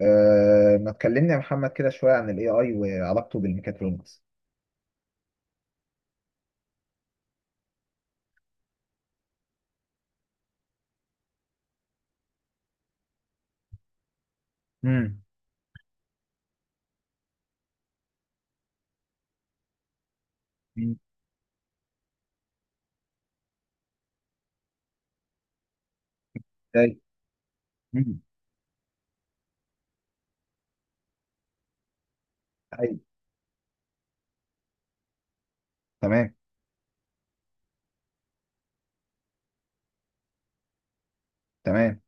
ما تكلمني يا محمد كده شوية عن ال AI وعلاقته بالميكاترونكس. امم ازاي؟ امم أيوة. تمام، تمام.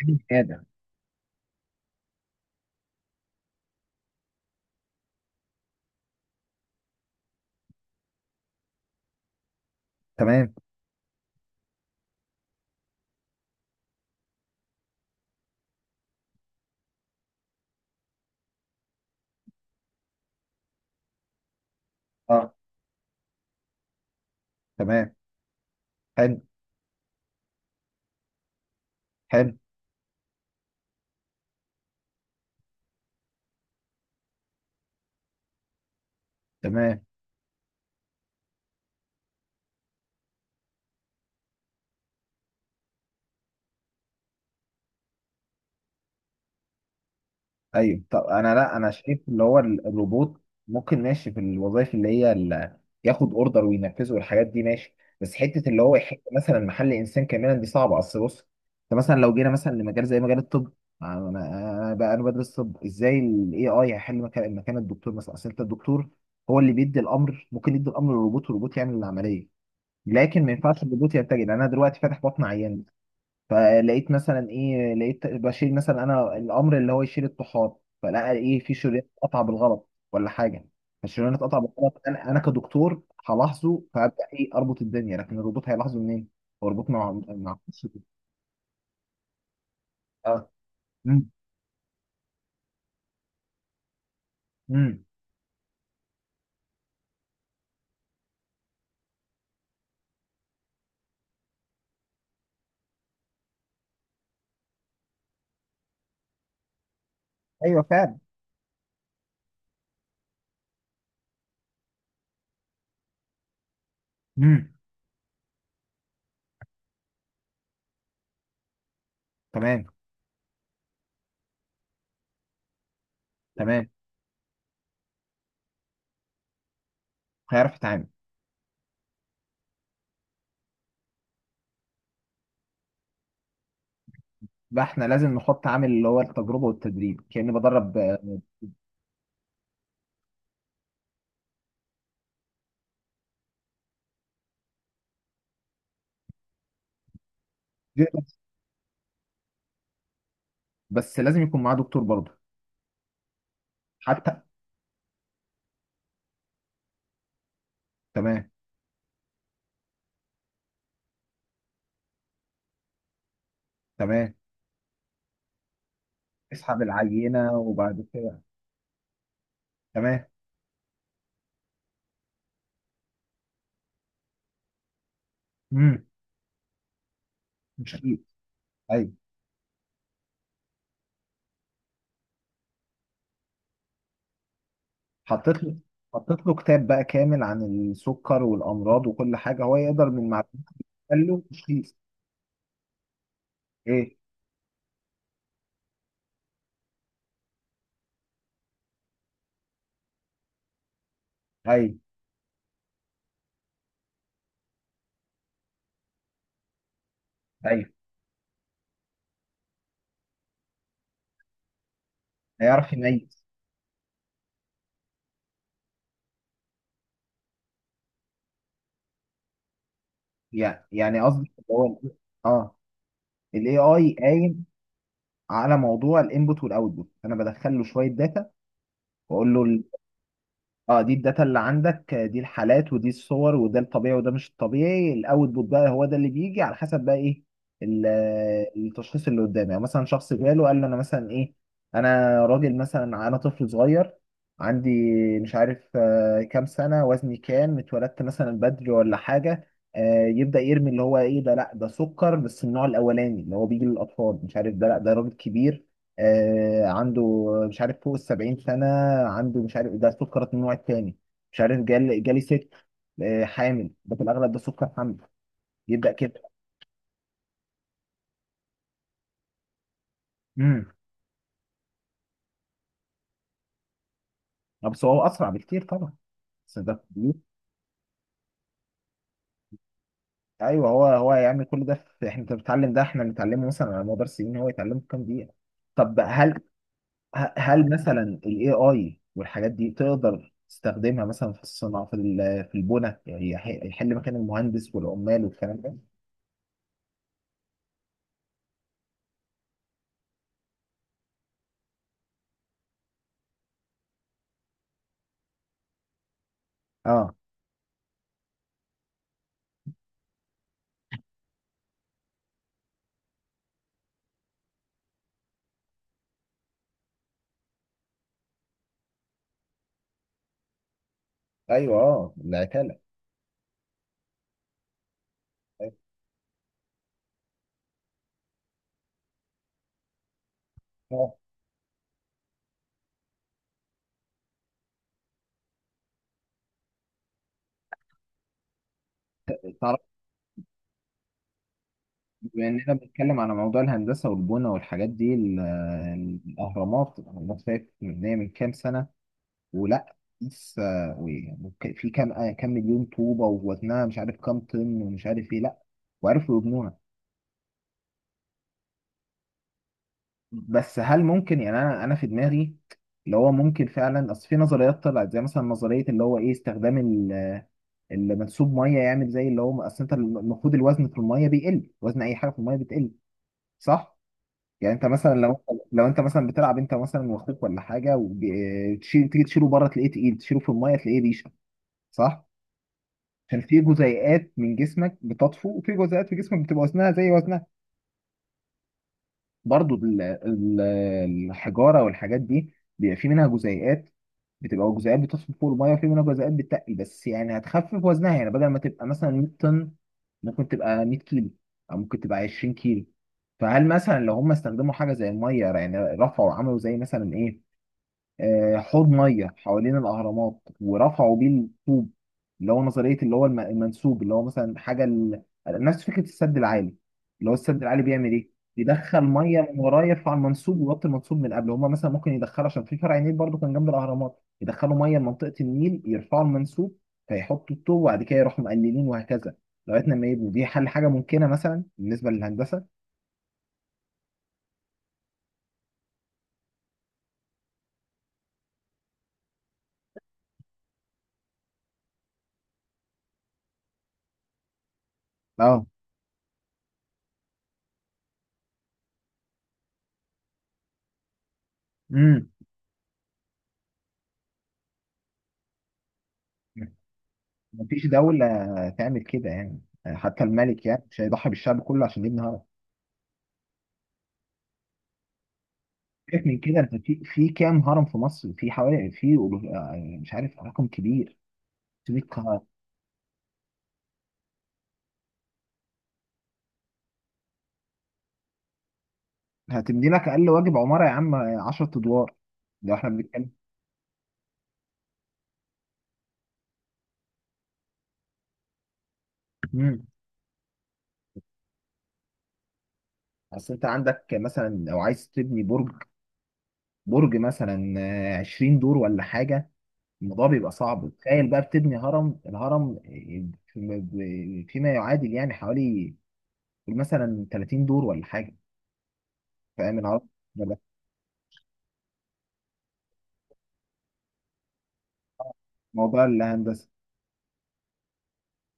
يعني هذا تمام. اه، تمام. حلو، حلو. تمام. ايوه، طب انا، لا، انا شايف اللي هو الروبوت ممكن، ماشي في الوظائف اللي هي ياخد اوردر وينفذه والحاجات دي ماشي، بس حته اللي هو يحل مثلا محل انسان كاملا دي صعبه. اصل بص، انت مثلا لو جينا مثلا لمجال زي مجال الطب، انا بقى انا بدرس طب. ازاي الاي اي هيحل مكان الدكتور مثلا؟ اصل انت الدكتور هو اللي بيدي الامر، ممكن يدي الامر للروبوت والروبوت يعمل العمليه. لكن ما ينفعش الروبوت ينتج. انا دلوقتي فاتح بطن عيان، فلقيت مثلا، ايه، لقيت بشيل مثلا انا الامر اللي هو يشيل الطحال، فلقى ايه، في شريان اتقطع بالغلط ولا حاجه. فالشريان اتقطع بالغلط، انا كدكتور هلاحظه فابدا ايه، اربط الدنيا، لكن الروبوت هيلاحظه منين؟ هو الروبوت، مع. اه. امم امم ايوه فعلا. امم تمام، تمام، هيعرف يتعامل. بقى احنا لازم نحط عامل اللي هو التجربه والتدريب، كاني بدرب. بس لازم يكون معاه دكتور برضه. حتى، تمام، تمام. اسحب العينه وبعد كده، تمام. امم مش اكيد. ايوه. حطيت له حطيت له كتاب بقى كامل عن السكر والامراض وكل حاجه، هو يقدر من معلومات. قال له تشخيص؟ ايه؟ ايوه، ايوه، هيعرف يميز. يعني قصدي اللي هو اه، الاي اي قايم على موضوع الانبوت والاوتبوت. انا بدخل له شويه داتا واقول له: اه، دي الداتا اللي عندك، دي الحالات ودي الصور وده الطبيعي وده مش الطبيعي. الاوتبوت بقى هو ده اللي بيجي على حسب بقى ايه، التشخيص اللي قدامي. يعني مثلا شخص جاله قال له انا مثلا ايه، انا راجل مثلا، انا طفل صغير عندي، مش عارف، كام سنة، وزني كام، اتولدت مثلا بدري ولا حاجة. يبدأ يرمي اللي هو ايه، ده لا ده سكر بس النوع الاولاني اللي هو بيجي للاطفال، مش عارف، ده لا ده راجل كبير، عنده، مش عارف، فوق السبعين سنة، عنده، مش عارف، ده سكر النوع التاني. مش عارف، جالي ست، حامل، ده في الأغلب ده سكر حمل. يبدأ كده. امم بس هو أسرع بكتير طبعا. بس ده كبير. أيوه، هو يعمل كل ده في، إحنا، أنت بتتعلم ده إحنا بنتعلمه مثلا على مدار سنين، هو يتعلمه في كام دقيقة. طب هل، هل مثلا ال AI والحاجات دي تقدر تستخدمها مثلا في الصناعة، في في البنى، يعني يحل مكان المهندس والعمال والكلام ده؟ اه. ايوه، اه، العتاله. أيوة. آه. تعرف، بما اننا بنتكلم على موضوع الهندسه والبنى والحاجات دي الاهرامات. شايف مبنيه من كام سنه؟ ولا لسه؟ في كام، كام مليون طوبه، ووزنها مش عارف كام طن، ومش عارف ايه، لا، وعرفوا يبنوها. بس هل ممكن، يعني انا في دماغي اللي هو ممكن فعلا، اصل في نظريات طلعت زي مثلا نظريه اللي هو ايه، استخدام المنسوب ميه، يعمل زي اللي هو، اصل انت المفروض الوزن في الميه بيقل، وزن اي حاجه في الميه بتقل، صح؟ يعني انت مثلا لو انت مثلا بتلعب انت مثلا واخوك ولا حاجه، وتشيل، تيجي تشيله بره تلاقيه تقيل، تشيله في الميه تلاقيه ريشه، صح؟ عشان في جزيئات من جسمك بتطفو، وفي جزيئات في جسمك بتبقى وزنها زي وزنها. برضو الحجاره والحاجات دي بيبقى في منها جزيئات، بتبقى جزيئات بتطفو فوق الميه، وفي منها جزيئات بتتقل. بس يعني هتخفف وزنها، يعني بدل ما تبقى مثلا 100 طن، ممكن تبقى 100 كيلو، او ممكن تبقى 20 كيلو. فهل مثلا لو هم استخدموا حاجه زي الميه، يعني رفعوا وعملوا زي مثلا ايه، حوض ميه حوالين الاهرامات ورفعوا بيه الطوب؟ اللي هو نظريه اللي هو المنسوب، اللي هو مثلا حاجه ال... نفس فكره السد العالي. اللي هو السد العالي بيعمل ايه؟ بيدخل ميه من وراه، يرفع المنسوب ويوطي المنسوب من قبل. هما مثلا ممكن يدخلوا، عشان في فرع نيل برضه كان جنب الاهرامات، يدخلوا ميه لمنطقه النيل، يرفعوا المنسوب فيحطوا الطوب، وبعد كده يروحوا مقللين، وهكذا لغايه لما يبقوا، دي حل، حاجه ممكنه مثلا بالنسبه للهندسه. اه. امم مفيش دولة تعمل كده، يعني حتى الملك يعني مش هيضحي بالشعب كله عشان يبني هرم. سيبك من كده، انت في، كام هرم في مصر، في حوالي، مش عارف، رقم كبير، 600 هرم. هتبني لك اقل واجب عمارة يا عم 10 ادوار. لو احنا بنتكلم، امم اصل انت عندك مثلا لو عايز تبني برج، مثلا، 20 دور ولا حاجة، الموضوع بيبقى صعب. تخيل بقى بتبني هرم، الهرم فيما، يعادل يعني حوالي مثلا 30 دور ولا حاجة، فاهم العلاقة؟ ده موضوع الهندسة.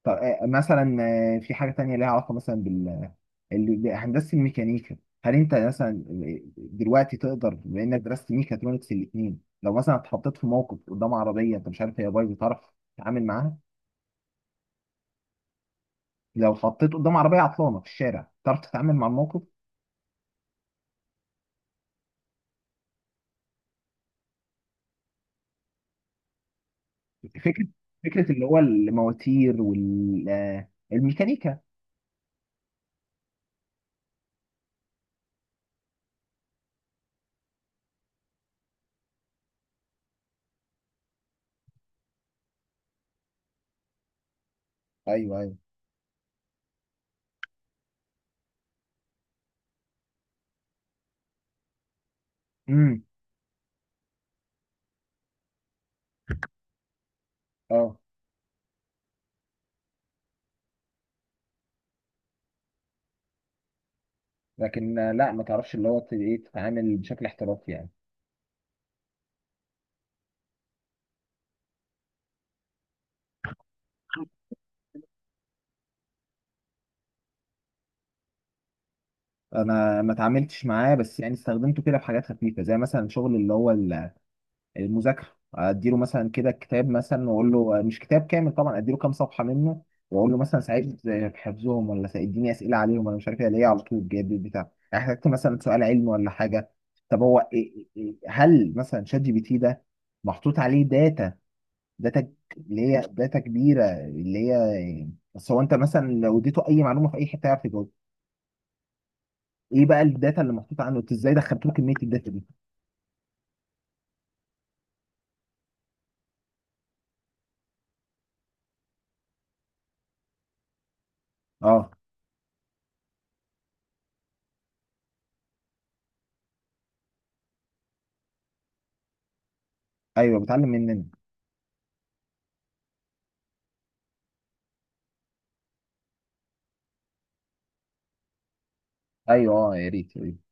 طب، مثلا، في حاجة تانية ليها علاقة مثلا بال، بهندسة الميكانيكا، هل أنت مثلا، دلوقتي تقدر، بما إنك درست ميكاترونكس الاتنين، لو مثلا اتحطيت في موقف قدام عربية أنت مش عارف هي بايظة تعرف تتعامل معاها؟ لو اتحطيت قدام عربية عطلانة في الشارع، تعرف تتعامل مع الموقف؟ فكرة، اللي هو المواتير والميكانيكا. ايوه، ايوه. امم اه، لكن، لا ما تعرفش اللي هو ايه، تتعامل بشكل احترافي يعني. انا ما اتعاملتش معاه، بس يعني استخدمته كده في حاجات خفيفه، زي مثلا شغل اللي هو المذاكره. اديله مثلا كده كتاب، مثلا واقول له، مش كتاب كامل طبعا، اديله كام صفحه منه، واقول له مثلا ساعدني في حفظهم، ولا ساعدني اسئله عليهم، انا مش عارف ايه، ليه على طول جايب لي بتاع، احتجت مثلا سؤال علمي ولا حاجه. طب هو، هل مثلا شات جي بي تي ده محطوط عليه داتا؟ داتا اللي هي داتا كبيره اللي هي، بس هو انت مثلا لو اديته اي معلومه في اي حته يعرف يجاوب. ايه بقى الداتا اللي محطوطه عنه؟ انت ازاي دخلت له كميه الداتا دي؟ اه. ايوه، بتعلم مننا. ايوه، اه، يا ريت، يا ريت.